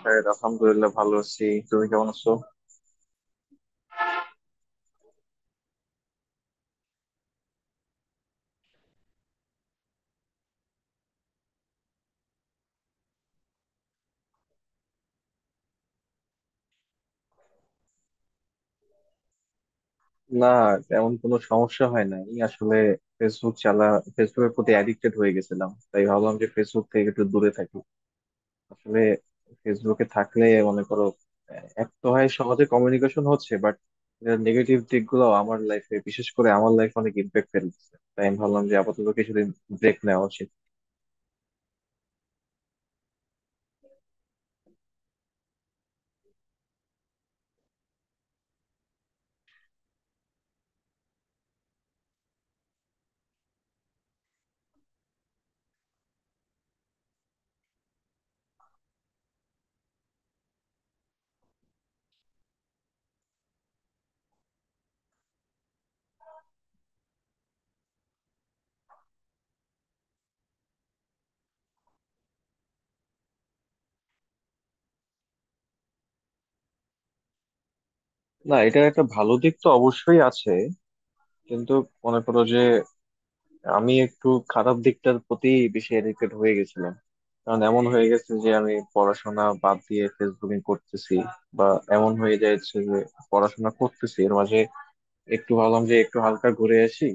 Sir, আলহামদুলিল্লাহ ভালো আছি। তুমি কেমন আছো? না, তেমন কোনো সমস্যা হয় না। আমি আসলে ফেসবুক চালা ফেসবুকের প্রতি অ্যাডিক্টেড হয়ে গেছিলাম, তাই ভাবলাম যে ফেসবুক থেকে একটু দূরে থাকি। আসলে ফেসবুকে থাকলে মনে করো, এক তো হয় সহজে কমিউনিকেশন হচ্ছে, বাট নেগেটিভ দিকগুলো আমার লাইফে, বিশেষ করে আমার লাইফে অনেক ইম্প্যাক্ট ফেলছে, তাই আমি ভাবলাম যে আপাতত কিছুদিন ব্রেক নেওয়া উচিত। না, এটার একটা ভালো দিক তো অবশ্যই আছে, কিন্তু মনে করো যে আমি একটু খারাপ দিকটার প্রতি বেশি এডিক্টেড হয়ে গেছিলাম। কারণ এমন হয়ে গেছে যে আমি পড়াশোনা বাদ দিয়ে ফেসবুকিং করতেছি, বা এমন হয়ে যাচ্ছে যে পড়াশোনা করতেছি, এর মাঝে একটু ভাবলাম যে একটু হালকা ঘুরে আসি,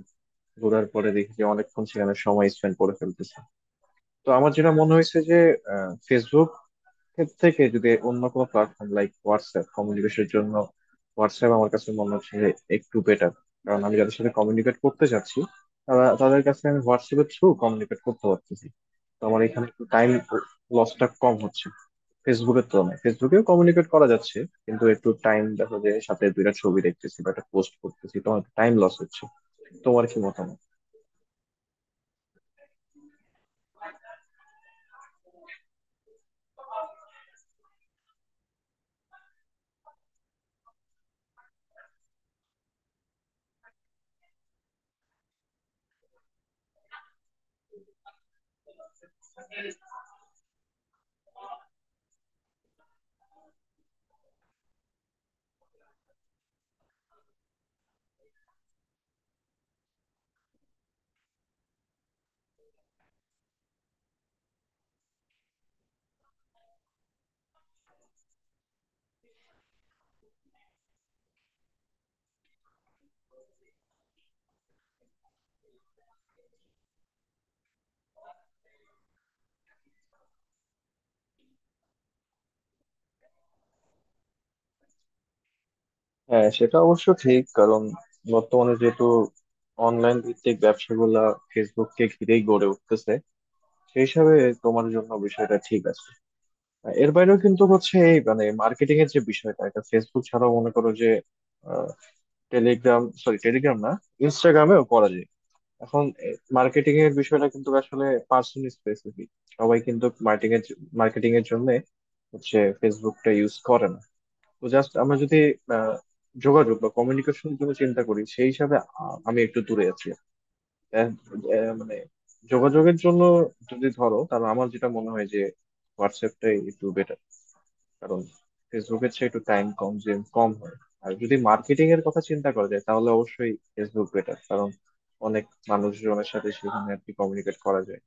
ঘোরার পরে দেখি যে অনেকক্ষণ সেখানে সময় স্পেন্ড করে ফেলতেছি। তো আমার যেটা মনে হয়েছে যে ফেসবুক ক্ষেত্র থেকে যদি অন্য কোনো প্ল্যাটফর্ম লাইক হোয়াটসঅ্যাপ কমিউনিকেশনের জন্য, হোয়াটসঅ্যাপ আমার কাছে মনে হচ্ছে যে একটু বেটার। কারণ আমি যাদের সাথে কমিউনিকেট করতে চাচ্ছি, তাদের কাছে আমি হোয়াটসঅ্যাপের থ্রু কমিউনিকেট করতে পারতেছি। তো আমার এখানে একটু টাইম লসটা কম হচ্ছে ফেসবুকের তুলনায়। ফেসবুকেও কমিউনিকেট করা যাচ্ছে কিন্তু একটু টাইম, দেখো যে সাথে দুইটা ছবি দেখতেছি বা একটা পোস্ট করতেছি, তোমার টাইম লস হচ্ছে। তোমার কি মতামত? হ্যাঁ, সেটা অবশ্য ঠিক। কারণ বর্তমানে যেহেতু অনলাইন ভিত্তিক ব্যবসাগুলা ফেসবুককে ঘিরেই গড়ে উঠতেছে, সেই হিসাবে তোমার জন্য বিষয়টা ঠিক আছে। এর বাইরেও কিন্তু হচ্ছে এই মানে মার্কেটিং এর যে বিষয়টা, এটা ফেসবুক ছাড়াও মনে করো যে টেলিগ্রাম না, ইনস্টাগ্রামেও করা যায়। এখন মার্কেটিং এর বিষয়টা কিন্তু আসলে পার্সন স্পেসিফিক। সবাই কিন্তু মার্কেটিং এর জন্য হচ্ছে ফেসবুকটা ইউজ করে না। তো জাস্ট আমরা যদি আহ, যোগাযোগ বা কমিউনিকেশন জন্য চিন্তা করি, সেই হিসাবে আমি একটু দূরে আছি। আহ, মানে যোগাযোগের জন্য যদি ধরো, তাহলে আমার যেটা মনে হয় যে হোয়াটসঅ্যাপটাই একটু বেটার। কারণ ফেসবুকের চেয়ে একটু টাইম কনজিউম কম হয়। আর যদি মার্কেটিং এর কথা চিন্তা করা যায়, তাহলে অবশ্যই ফেসবুক বেটার। কারণ অনেক মানুষজনের সাথে সেখানে আর কি কমিউনিকেট করা যায়।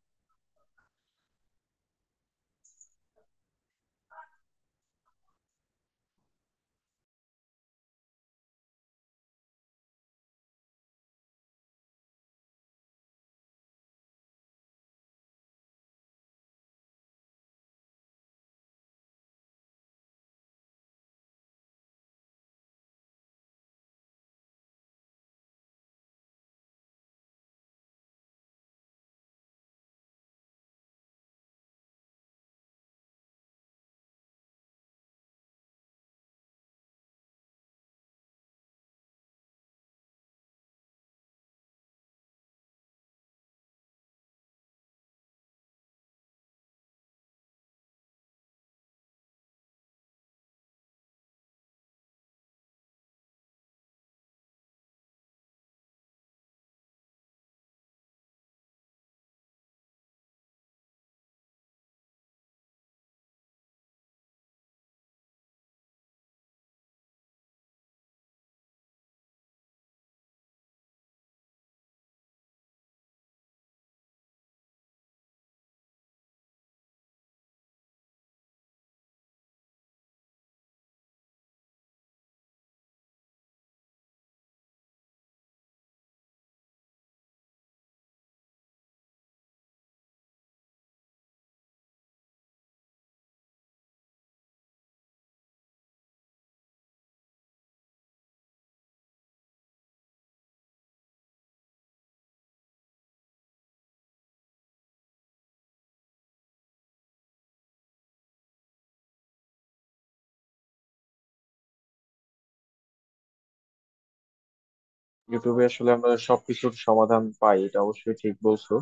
ইউটিউবে আসলে আমরা সবকিছুর সমাধান পাই, এটা অবশ্যই ঠিক বলছো।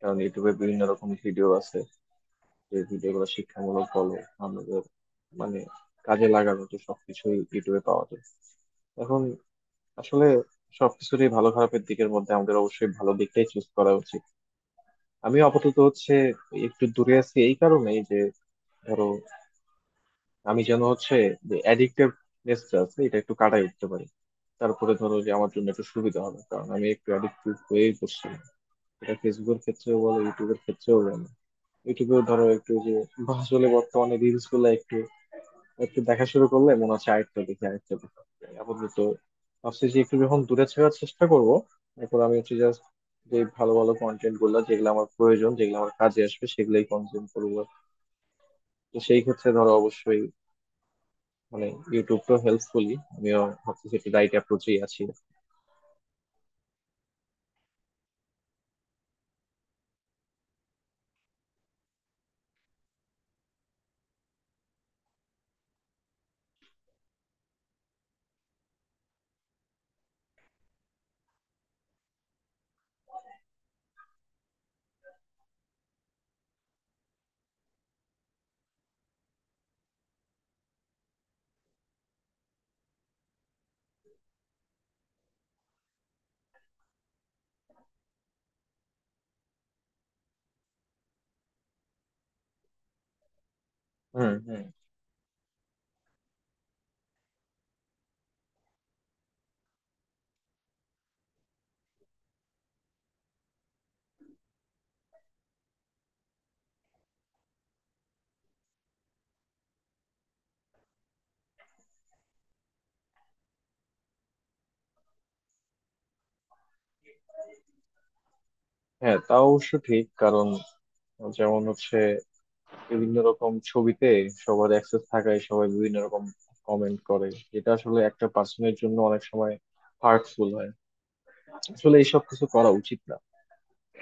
কারণ ইউটিউবে বিভিন্ন রকম ভিডিও আছে, যে ভিডিওগুলো শিক্ষামূলক বলো, আমাদের মানে কাজে লাগানো, তো সবকিছুই ইউটিউবে পাওয়া যায়। এখন আসলে সবকিছুরই ভালো খারাপের দিকের মধ্যে আমাদের অবশ্যই ভালো দিকটাই চুজ করা উচিত। আমি আপাতত হচ্ছে একটু দূরে আছি এই কারণেই যে ধরো, আমি যেন হচ্ছে যে অ্যাডিক্টিভ নেসটা আছে এটা একটু কাটাই উঠতে পারি। তারপরে ধরো যে আমার জন্য একটু সুবিধা হবে, কারণ আমি একটু অ্যাডিক্টিভ হয়েই পড়ছি। এটা ফেসবুকের ক্ষেত্রেও বলো, ইউটিউবের ক্ষেত্রেও বলো, ইউটিউবেও ধরো একটু যে আসলে বর্তমানে রিলস গুলো একটু একটু দেখা শুরু করলে মনে হচ্ছে আরেকটা দেখি, আরেকটা দেখি। আপাতত ভাবছি যে একটু যখন দূরে থাকার চেষ্টা করব, এরপর আমি হচ্ছে জাস্ট যে ভালো ভালো কন্টেন্ট গুলো, যেগুলো আমার প্রয়োজন, যেগুলো আমার কাজে আসবে, সেগুলোই কনজিউম করবো। তো সেই ক্ষেত্রে ধরো অবশ্যই মানে ইউটিউব তো হেল্পফুলি, আমিও ভাবতেছি একটু রাইট অ্যাপ্রোচেই আছি। হুম হুম। হ্যাঁ, তা অবশ্য ঠিক। কারণ যেমন হচ্ছে বিভিন্ন রকম ছবিতে সবার অ্যাক্সেস থাকায় সবাই বিভিন্ন রকম কমেন্ট করে। এটা আসলে একটা পার্সনের জন্য অনেক সময় হার্টফুল হয়। আসলে এইসব কিছু করা উচিত না।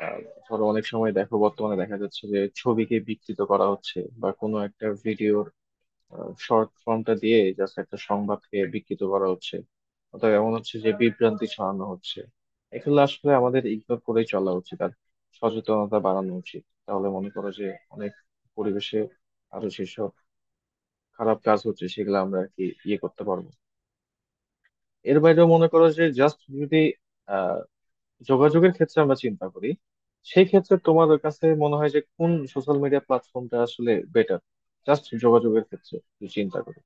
আহ, ধরো অনেক সময় দেখো, বর্তমানে দেখা যাচ্ছে যে ছবিকে বিকৃত করা হচ্ছে, বা কোনো একটা ভিডিওর শর্ট ফর্মটা দিয়ে জাস্ট একটা সংবাদকে বিকৃত করা হচ্ছে, অথবা এমন হচ্ছে যে বিভ্রান্তি ছড়ানো হচ্ছে। এগুলো আসলে আমাদের ইগনোর করেই চলা উচিত আর সচেতনতা বাড়ানো উচিত, তাহলে মনে করো যে অনেক পরিবেশে আরো যেসব খারাপ কাজ হচ্ছে, সেগুলো আমরা আর কি ইয়ে করতে পারবো। এর বাইরেও মনে করো যে জাস্ট যদি যোগাযোগের ক্ষেত্রে আমরা চিন্তা করি, সেই ক্ষেত্রে তোমার কাছে মনে হয় যে কোন সোশ্যাল মিডিয়া প্ল্যাটফর্মটা আসলে বেটার? জাস্ট যোগাযোগের ক্ষেত্রে যদি চিন্তা করি।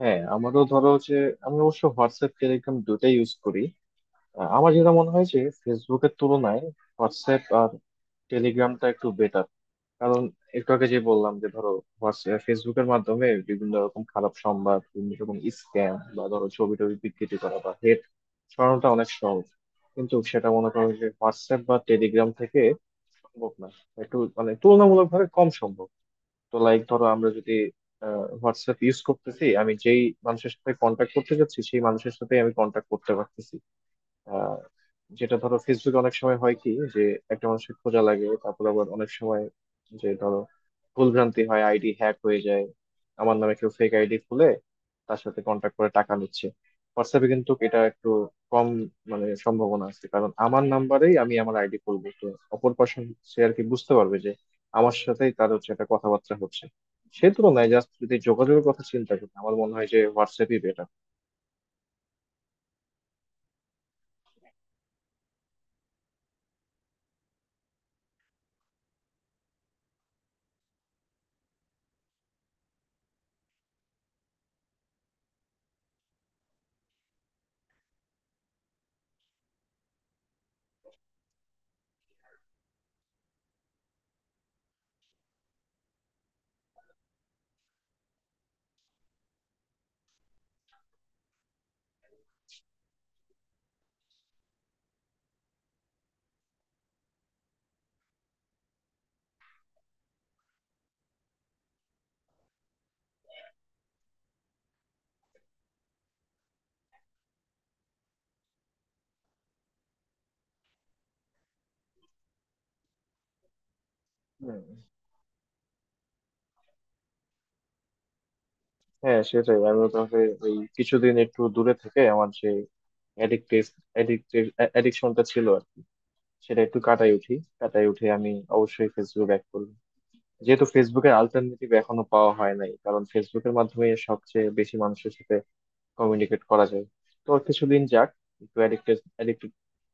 হ্যাঁ, আমারও ধরো যে, আমি অবশ্য হোয়াটসঅ্যাপ টেলিগ্রাম দুটাই ইউজ করি। আমার যেটা মনে হয় যে ফেসবুকের তুলনায় হোয়াটসঅ্যাপ আর টেলিগ্রামটা একটু বেটার। কারণ একটু আগে যে বললাম যে ধরো, ফেসবুকের মাধ্যমে বিভিন্ন রকম খারাপ সংবাদ, বিভিন্ন রকম স্ক্যাম, বা ধরো ছবি টবি বিকৃতি করা বা হেট ছড়ানোটা অনেক সহজ। কিন্তু সেটা মনে করো যে হোয়াটসঅ্যাপ বা টেলিগ্রাম থেকে সম্ভব না, একটু মানে তুলনামূলকভাবে কম সম্ভব। তো লাইক ধরো, আমরা যদি হোয়াটসঅ্যাপ ইউজ করতেছি, আমি যেই মানুষের সাথে কন্ট্যাক্ট করতে যাচ্ছি, সেই মানুষের সাথে আমি কন্ট্যাক্ট করতে পারতেছি। আহ, যেটা ধরো ফেসবুকে অনেক সময় হয় কি যে একটা মানুষের খোঁজা লাগে, তারপর আবার অনেক সময় যে ধরো ভুলভ্রান্তি হয়, আইডি হ্যাক হয়ে যায়, আমার নামে কেউ ফেক আইডি খুলে তার সাথে কন্ট্যাক্ট করে টাকা নিচ্ছে। হোয়াটসঅ্যাপে কিন্তু এটা একটু কম মানে সম্ভাবনা আছে, কারণ আমার নাম্বারেই আমি আমার আইডি খুলবো। তো অপর পার্সন সে আর কি বুঝতে পারবে যে আমার সাথেই তার হচ্ছে একটা কথাবার্তা হচ্ছে। সে তুলনায় জাস্ট যদি যোগাযোগের কথা চিন্তা করি, আমার মনে হয় যে হোয়াটসঅ্যাপই বেটার। হ্যাঁ, সেটাই আমি তোমাকে, ওই কিছুদিন একটু দূরে থেকে আমার যে অ্যাডিক্টিভ অ্যাডিক্টিভ অ্যাডিকশনটা ছিল আর কি, সেটা একটু কাটাই উঠি। কাটাই উঠে আমি অবশ্যই ফেসবুক ব্যাক করবো, যেহেতু ফেসবুকের অল্টারনেটিভ এখনো পাওয়া হয় নাই। কারণ ফেসবুকের মাধ্যমে সবচেয়ে বেশি মানুষের সাথে কমিউনিকেট করা যায়। তো আর কিছুদিন যাক, একটু অ্যাডিক্টেড অ্যাডিক্টেড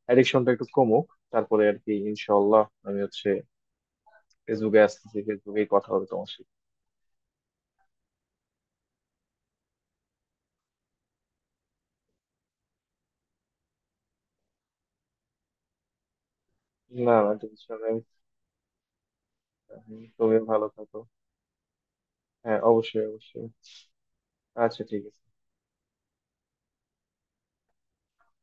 অ্যাডিকশনটা একটু কমুক, তারপরে আর কি ইনশাল্লাহ আমি হচ্ছে ফেসবুকে আসতেছি, ফেসবুকেই কথা হবে তোমার সাথে। না না, টেনশন নেই, তুমি ভালো থাকো। হ্যাঁ, অবশ্যই অবশ্যই। আচ্ছা, ঠিক আছে।